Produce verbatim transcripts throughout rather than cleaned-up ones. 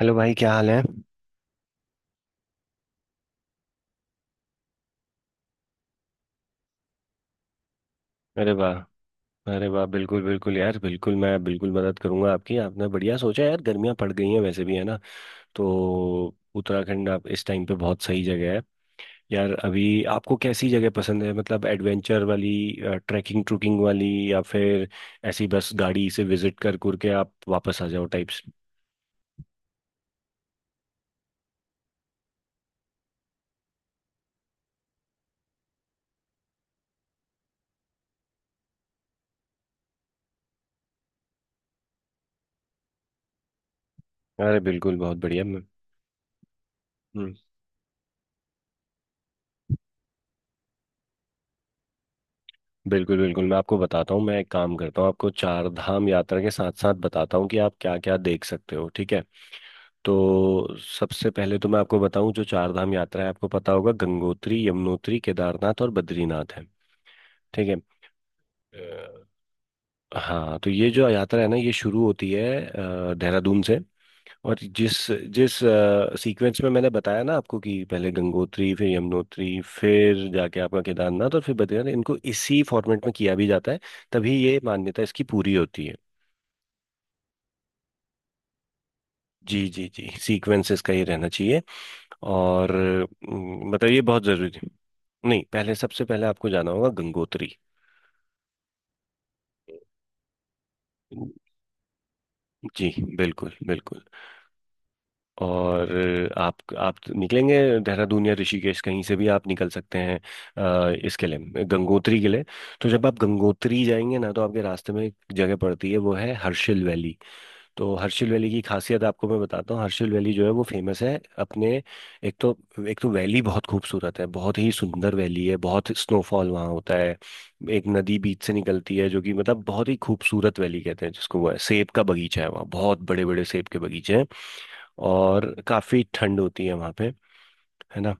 Hello भाई, क्या हाल है। अरे वाह। अरे वाह, बिल्कुल बिल्कुल यार, बिल्कुल मैं बिल्कुल मदद करूंगा आपकी। आपने बढ़िया सोचा यार, गर्मियां पड़ गई हैं वैसे भी, है ना। तो उत्तराखंड आप इस टाइम पे बहुत सही जगह है यार अभी। आपको कैसी जगह पसंद है, मतलब एडवेंचर वाली, ट्रैकिंग ट्रुकिंग वाली, या फिर ऐसी बस गाड़ी से विजिट कर कर के आप वापस आ जाओ टाइप्स। अरे बिल्कुल बहुत बढ़िया। मैं हम्म, बिल्कुल बिल्कुल, मैं आपको बताता हूँ। मैं एक काम करता हूँ, आपको चार धाम यात्रा के साथ साथ बताता हूँ कि आप क्या क्या देख सकते हो, ठीक है। तो सबसे पहले तो मैं आपको बताऊं, जो चार धाम यात्रा है आपको पता होगा, गंगोत्री, यमुनोत्री, केदारनाथ और बद्रीनाथ है। ठीक है। अ, हाँ, तो ये जो यात्रा है ना, ये शुरू होती है अ, देहरादून से। और जिस जिस सीक्वेंस में मैंने बताया ना आपको, कि पहले गंगोत्री, फिर यमुनोत्री, फिर जाके आपका केदारनाथ और फिर बद्रीनाथ, इनको इसी फॉर्मेट में किया भी जाता है। तभी ये मान्यता इसकी पूरी होती है। जी जी जी, सीक्वेंस इसका ये रहना चाहिए। और अम, मतलब ये बहुत जरूरी है। नहीं, पहले सबसे पहले आपको जाना होगा गंगोत्री। जी, बिल्कुल बिल्कुल। और आप आप निकलेंगे देहरादून या ऋषिकेश, कहीं से भी आप निकल सकते हैं अ, इसके लिए, गंगोत्री के लिए। तो जब आप गंगोत्री जाएंगे ना, तो आपके रास्ते में एक जगह पड़ती है, वो है हर्षिल वैली। तो हर्षिल वैली की खासियत आपको मैं बताता हूँ। हर्षिल वैली जो है, वो फेमस है अपने, एक तो एक तो वैली बहुत खूबसूरत है, बहुत ही सुंदर वैली है, बहुत स्नोफॉल वहाँ होता है। एक नदी बीच से निकलती है, जो कि मतलब बहुत ही खूबसूरत वैली कहते हैं जिसको। वो है सेब का बगीचा है, वहाँ बहुत बड़े बड़े सेब के बगीचे हैं। और काफी ठंड होती है वहाँ पे, है ना।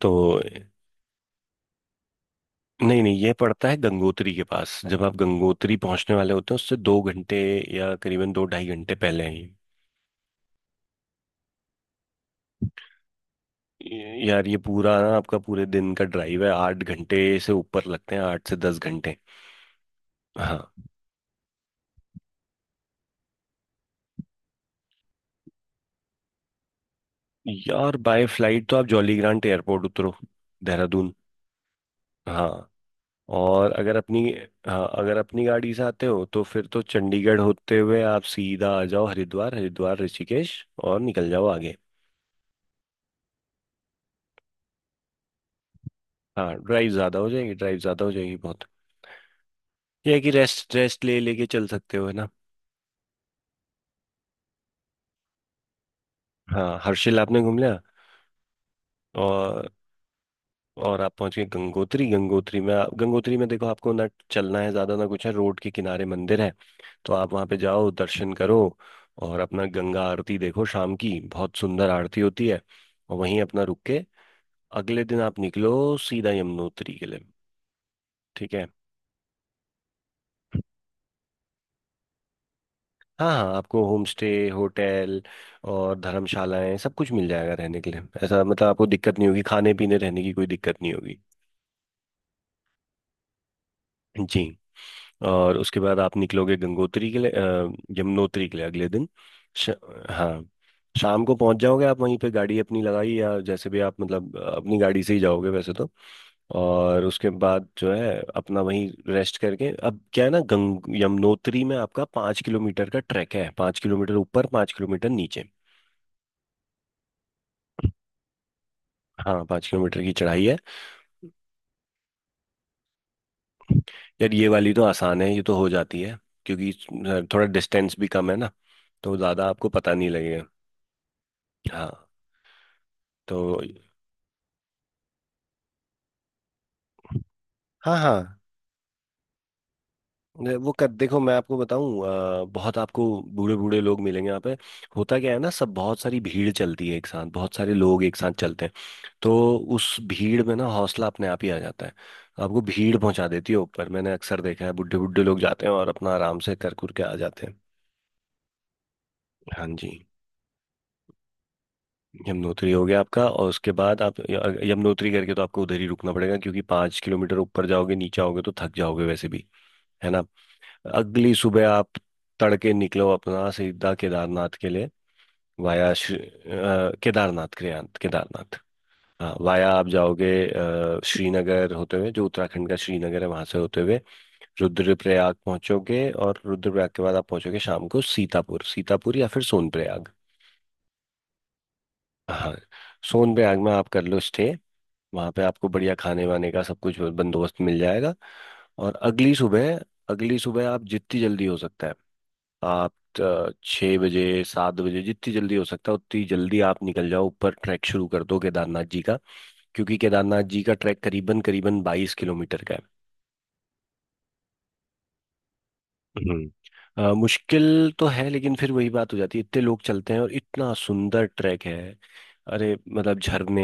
तो नहीं नहीं, ये पड़ता है गंगोत्री के पास, जब आप गंगोत्री पहुंचने वाले होते हैं उससे दो घंटे या करीबन दो ढाई घंटे पहले हैं ये। ये- यार ये पूरा ना आपका पूरे दिन का ड्राइव है, आठ घंटे से ऊपर लगते हैं, आठ से दस घंटे। हाँ, यार बाय फ्लाइट तो आप जॉली ग्रांट एयरपोर्ट उतरो, देहरादून। हाँ। और अगर अपनी, हाँ अगर अपनी गाड़ी से आते हो तो फिर तो चंडीगढ़ होते हुए आप सीधा आ जाओ हरिद्वार, हरिद्वार ऋषिकेश, और निकल जाओ आगे। हाँ, ड्राइव ज़्यादा हो जाएगी, ड्राइव ज़्यादा हो जाएगी बहुत। यह है कि रेस्ट रेस्ट ले लेके चल सकते हो, है ना। हाँ, हर्षिल आपने घूम लिया। और और आप पहुंच गए गंगोत्री। गंगोत्री में आप- गंगोत्री में देखो, आपको ना चलना है ज्यादा ना कुछ है, रोड के किनारे मंदिर है। तो आप वहां पे जाओ, दर्शन करो, और अपना गंगा आरती देखो शाम की, बहुत सुंदर आरती होती है। और वहीं अपना रुक के अगले दिन आप निकलो सीधा यमुनोत्री के लिए, ठीक है। हाँ हाँ, आपको होम स्टे, होटल और धर्मशालाएं सब कुछ मिल जाएगा रहने के लिए। ऐसा मतलब आपको दिक्कत नहीं होगी, खाने पीने रहने की कोई दिक्कत नहीं होगी। जी। और उसके बाद आप निकलोगे गंगोत्री के लिए, अ, यमुनोत्री के लिए अगले दिन। श, हाँ, शाम को पहुंच जाओगे आप। वहीं पे गाड़ी अपनी लगाई, या जैसे भी आप, मतलब अ, अपनी गाड़ी से ही जाओगे वैसे तो। और उसके बाद जो है अपना वहीं रेस्ट करके, अब क्या है ना, गंग यमुनोत्री में आपका पाँच किलोमीटर का ट्रैक है, पाँच किलोमीटर ऊपर पाँच किलोमीटर नीचे। हाँ, पाँच किलोमीटर की चढ़ाई है। यार ये वाली तो आसान है, ये तो हो जाती है क्योंकि इस- थोड़ा डिस्टेंस भी कम है ना, तो ज़्यादा आपको पता नहीं लगेगा। हाँ। तो हाँ हाँ, ने- वो कर, देखो मैं आपको बताऊं, अ, बहुत आपको बूढ़े बूढ़े लोग मिलेंगे यहाँ पे। होता क्या है ना, सब बहुत सारी भीड़ चलती है एक साथ, बहुत सारे लोग एक साथ चलते हैं। तो उस भीड़ में ना हौसला अपने आप ही आ जाता है। आपको भीड़ पहुंचा देती है ऊपर, मैंने अक्सर देखा है बुढ़े बुढ़े लोग जाते हैं और अपना आराम से कर कुर के आ जाते हैं। हाँ जी। यमुनोत्री हो गया आपका, और उसके बाद आप य- यमुनोत्री करके तो आपको उधर ही रुकना पड़ेगा, क्योंकि पाँच किलोमीटर ऊपर जाओगे नीचे आओगे तो थक जाओगे वैसे भी, है ना। अगली सुबह आप तड़के निकलो अपना सीधा केदारनाथ के लिए, वाया श्री- अ, केदारनाथ केदारनाथ केदारनाथ हाँ, वाया आप जाओगे अ, श्रीनगर होते हुए, जो उत्तराखंड का श्रीनगर है वहां से होते हुए रुद्रप्रयाग पहुंचोगे। और रुद्रप्रयाग के बाद आप पहुंचोगे शाम को सीतापुर, सीतापुर या फिर सोनप्रयाग। हाँ, सोनप्रयाग में आप कर लो स्टे। वहाँ पे आपको बढ़िया खाने वाने का सब कुछ बंदोबस्त मिल जाएगा। और अगली सुबह, अगली सुबह आप जितनी जल्दी हो सकता है आप अ, छः बजे, सात बजे, जितनी जल्दी हो सकता है उतनी जल्दी आप निकल जाओ ऊपर, ट्रैक शुरू कर दो केदारनाथ जी का। क्योंकि केदारनाथ जी का ट्रैक करीबन करीबन बाईस किलोमीटर का है। हम्म अ, मुश्किल तो है, लेकिन फिर वही बात हो जाती है, इतने लोग चलते हैं और इतना सुंदर ट्रैक है। अरे मतलब झरने,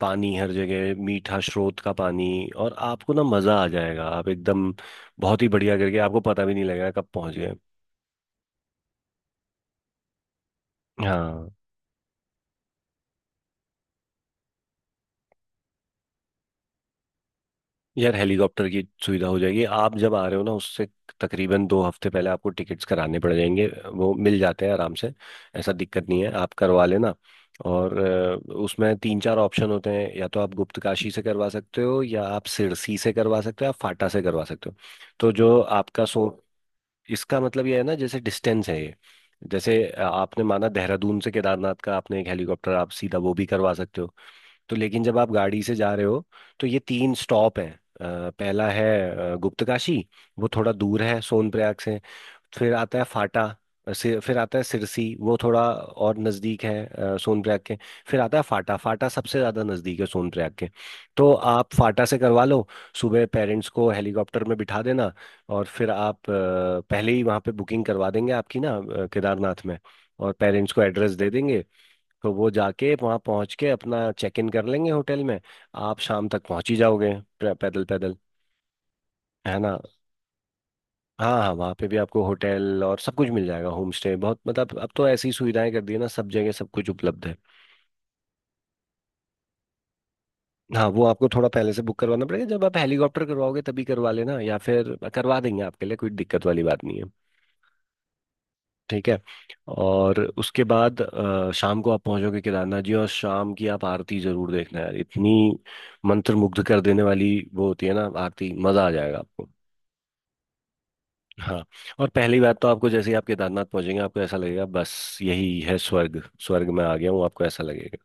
पानी, हर जगह मीठा स्रोत का पानी। और आपको ना मज़ा आ जाएगा, आप एकदम बहुत ही बढ़िया करके, आपको पता भी नहीं लगेगा कब पहुंच गए। हाँ, यार हेलीकॉप्टर की सुविधा हो जाएगी। आप जब आ रहे हो ना, उससे तकरीबन दो हफ्ते पहले आपको टिकट्स कराने पड़ जाएंगे, वो मिल जाते हैं आराम से। ऐसा दिक्कत नहीं है, आप करवा लेना। और अ, उसमें तीन चार ऑप्शन होते हैं, या तो आप गुप्तकाशी से करवा सकते हो, या आप सिरसी से करवा सकते हो, आप फाटा से करवा सकते हो। तो जो आपका सो, इसका मतलब ये है ना, जैसे डिस्टेंस है ये। जैसे अ, आपने माना देहरादून से केदारनाथ का, आपने एक हेलीकॉप्टर आप सीधा वो भी करवा सकते हो। तो लेकिन जब आप गाड़ी से जा रहे हो, तो ये तीन स्टॉप हैं। अ, पहला है अ, गुप्तकाशी, वो थोड़ा दूर है सोनप्रयाग से। फिर आता है फाटा, अ, सि- फिर आता है सिरसी, वो थोड़ा और नज़दीक है अ, सोनप्रयाग के। फिर आता है फाटा, फाटा सबसे ज़्यादा नज़दीक है सोनप्रयाग के। तो आप फाटा से करवा लो। सुबह पेरेंट्स को हेलीकॉप्टर में बिठा देना, और फिर आप अ, पहले ही वहाँ पे बुकिंग करवा देंगे आपकी ना अ, केदारनाथ में, और पेरेंट्स को एड्रेस दे देंगे। तो वो जाके वहाँ पहुँच के अपना चेक इन कर लेंगे होटल में। आप शाम तक पहुँच ही जाओगे, प- पैदल पैदल, है ना। हाँ हाँ, वहाँ पे भी आपको होटल और सब कुछ मिल जाएगा, होम स्टे। बहुत, मतलब अब तो ऐसी सुविधाएं कर दी है ना, सब जगह सब कुछ उपलब्ध है। हाँ, वो आपको थोड़ा पहले से बुक करवाना पड़ेगा, जब आप हेलीकॉप्टर करवाओगे तभी करवा लेना, या फिर करवा देंगे आपके लिए, कोई दिक्कत वाली बात नहीं है। ठीक है। और उसके बाद अ, शाम को आप पहुंचोगे केदारनाथ जी, और शाम की आप आरती जरूर देखना यार, इतनी मंत्रमुग्ध कर देने वाली वो होती है ना आरती, मजा आ जाएगा आपको। हाँ। और पहली बात तो, आपको जैसे ही आप केदारनाथ पहुंचेंगे, आपको ऐसा लगेगा बस यही है स्वर्ग। स्वर्ग में आ गया हूँ, आपको ऐसा लगेगा।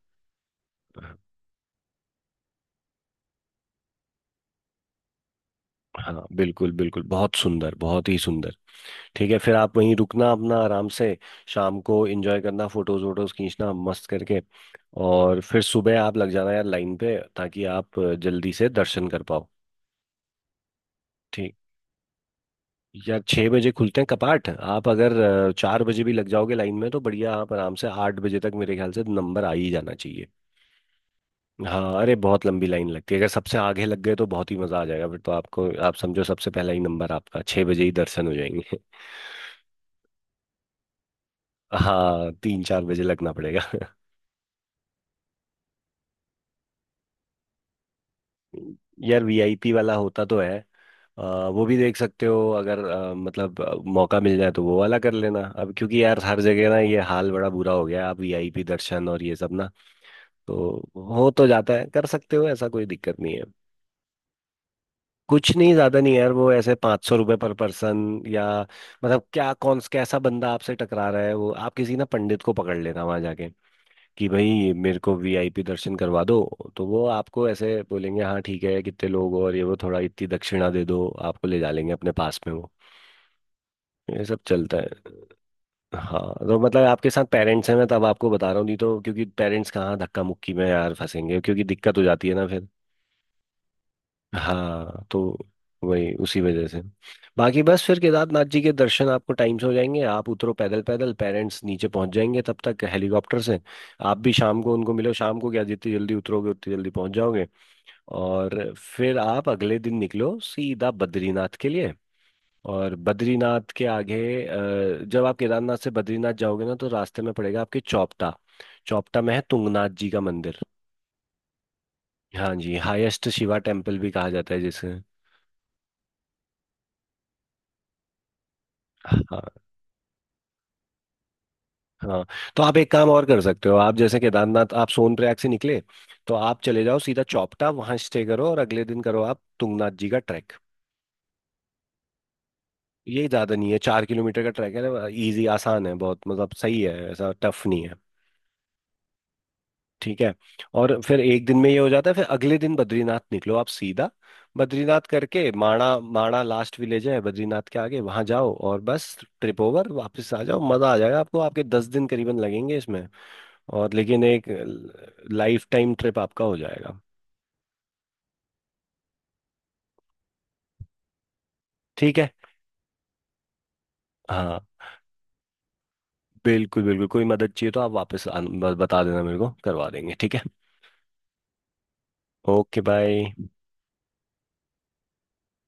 हाँ बिल्कुल बिल्कुल, बहुत सुंदर, बहुत ही सुंदर। ठीक है, फिर आप वहीं रुकना अपना आराम से, शाम को एंजॉय करना, फोटोज वोटोज खींचना मस्त करके। और फिर सुबह आप लग जाना यार लाइन पे, ताकि आप जल्दी से दर्शन कर पाओ। ठीक। यार छः बजे खुलते हैं कपाट, आप अगर अ, चार बजे भी लग जाओगे लाइन में तो बढ़िया, आप आराम से आठ बजे तक मेरे ख्याल से नंबर आ ही जाना चाहिए। हाँ, अरे बहुत लंबी लाइन लगती है। अगर सबसे आगे लग गए तो बहुत ही मजा आ जाएगा, फिर तो आपको, आप समझो सबसे पहला ही नंबर आपका, छः बजे ही दर्शन हो जाएंगे। हाँ, तीन चार बजे लगना पड़ेगा। यार वी आई पी वाला होता तो है। अ, वो भी देख सकते हो, अगर अ, मतलब अ, मौका मिल जाए तो वो वाला कर लेना, अब क्योंकि यार हर जगह ना ये हाल बड़ा बुरा हो गया है, आप वी आई पी दर्शन और ये सब ना। तो हो तो जाता है, कर सकते हो, ऐसा कोई दिक्कत नहीं है। कुछ नहीं ज्यादा नहीं है यार, वो ऐसे पाँच सौ रुपये पर पर्सन या, मतलब क्या कौन कैसा बंदा आपसे टकरा रहा है। वो आप किसी ना पंडित को पकड़ लेना वहां जाके, कि भाई मेरे को वी आई पी दर्शन करवा दो। तो वो आपको ऐसे बोलेंगे, हाँ ठीक है कितने लोग हो और ये वो, थोड़ा इतनी दक्षिणा दे दो, आपको ले जा लेंगे अपने पास में वो। ये सब चलता है। हाँ, तो मतलब आपके साथ पेरेंट्स हैं मैं तब आपको बता रहा हूँ, नहीं तो क्योंकि पेरेंट्स कहाँ धक्का मुक्की में यार फंसेंगे, क्योंकि दिक्कत हो जाती है ना फिर। हाँ, तो वही उसी वजह से। बाकी बस फिर केदारनाथ जी के दर्शन आपको टाइम से हो जाएंगे, आप उतरो पैदल पैदल, पेरेंट्स नीचे पहुंच जाएंगे तब तक हेलीकॉप्टर से। आप भी शाम को उनको मिलो, शाम को क्या जितनी जल्दी उतरोगे उतनी जल्दी पहुंच जाओगे। और फिर आप अगले दिन निकलो सीधा बद्रीनाथ के लिए। और बद्रीनाथ के आगे, अ, जब आप केदारनाथ से बद्रीनाथ जाओगे ना, तो रास्ते में पड़ेगा आपके चौपटा। चौपटा में है तुंगनाथ जी का मंदिर। हाँ जी, हाईएस्ट शिवा टेम्पल भी कहा जाता है जिसे। हाँ। हाँ तो आप एक काम और कर सकते हो, आप जैसे केदारनाथ, आप सोनप्रयाग से निकले तो आप चले जाओ सीधा चौपटा, वहां स्टे करो और अगले दिन करो आप तुंगनाथ जी का ट्रैक। ये ज्यादा नहीं है, चार किलोमीटर का ट्रैक है ना, इजी आसान है बहुत, मतलब सही है, ऐसा टफ नहीं है। ठीक है। और फिर एक दिन में ये हो जाता है, फिर अगले दिन बद्रीनाथ निकलो आप सीधा। बद्रीनाथ करके माणा, माणा लास्ट विलेज है बद्रीनाथ के आगे, वहां जाओ और बस ट्रिप ओवर, वापस आ जाओ। मजा आ जाएगा आपको, आपके दस दिन करीबन लगेंगे इसमें। और लेकिन एक लाइफ टाइम ट्रिप आपका हो जाएगा। ठीक है। हाँ बिल्कुल बिल्कुल, कोई मदद चाहिए तो आप वापस आन- ब- बता देना मेरे को, करवा देंगे, ठीक है। Okay bye.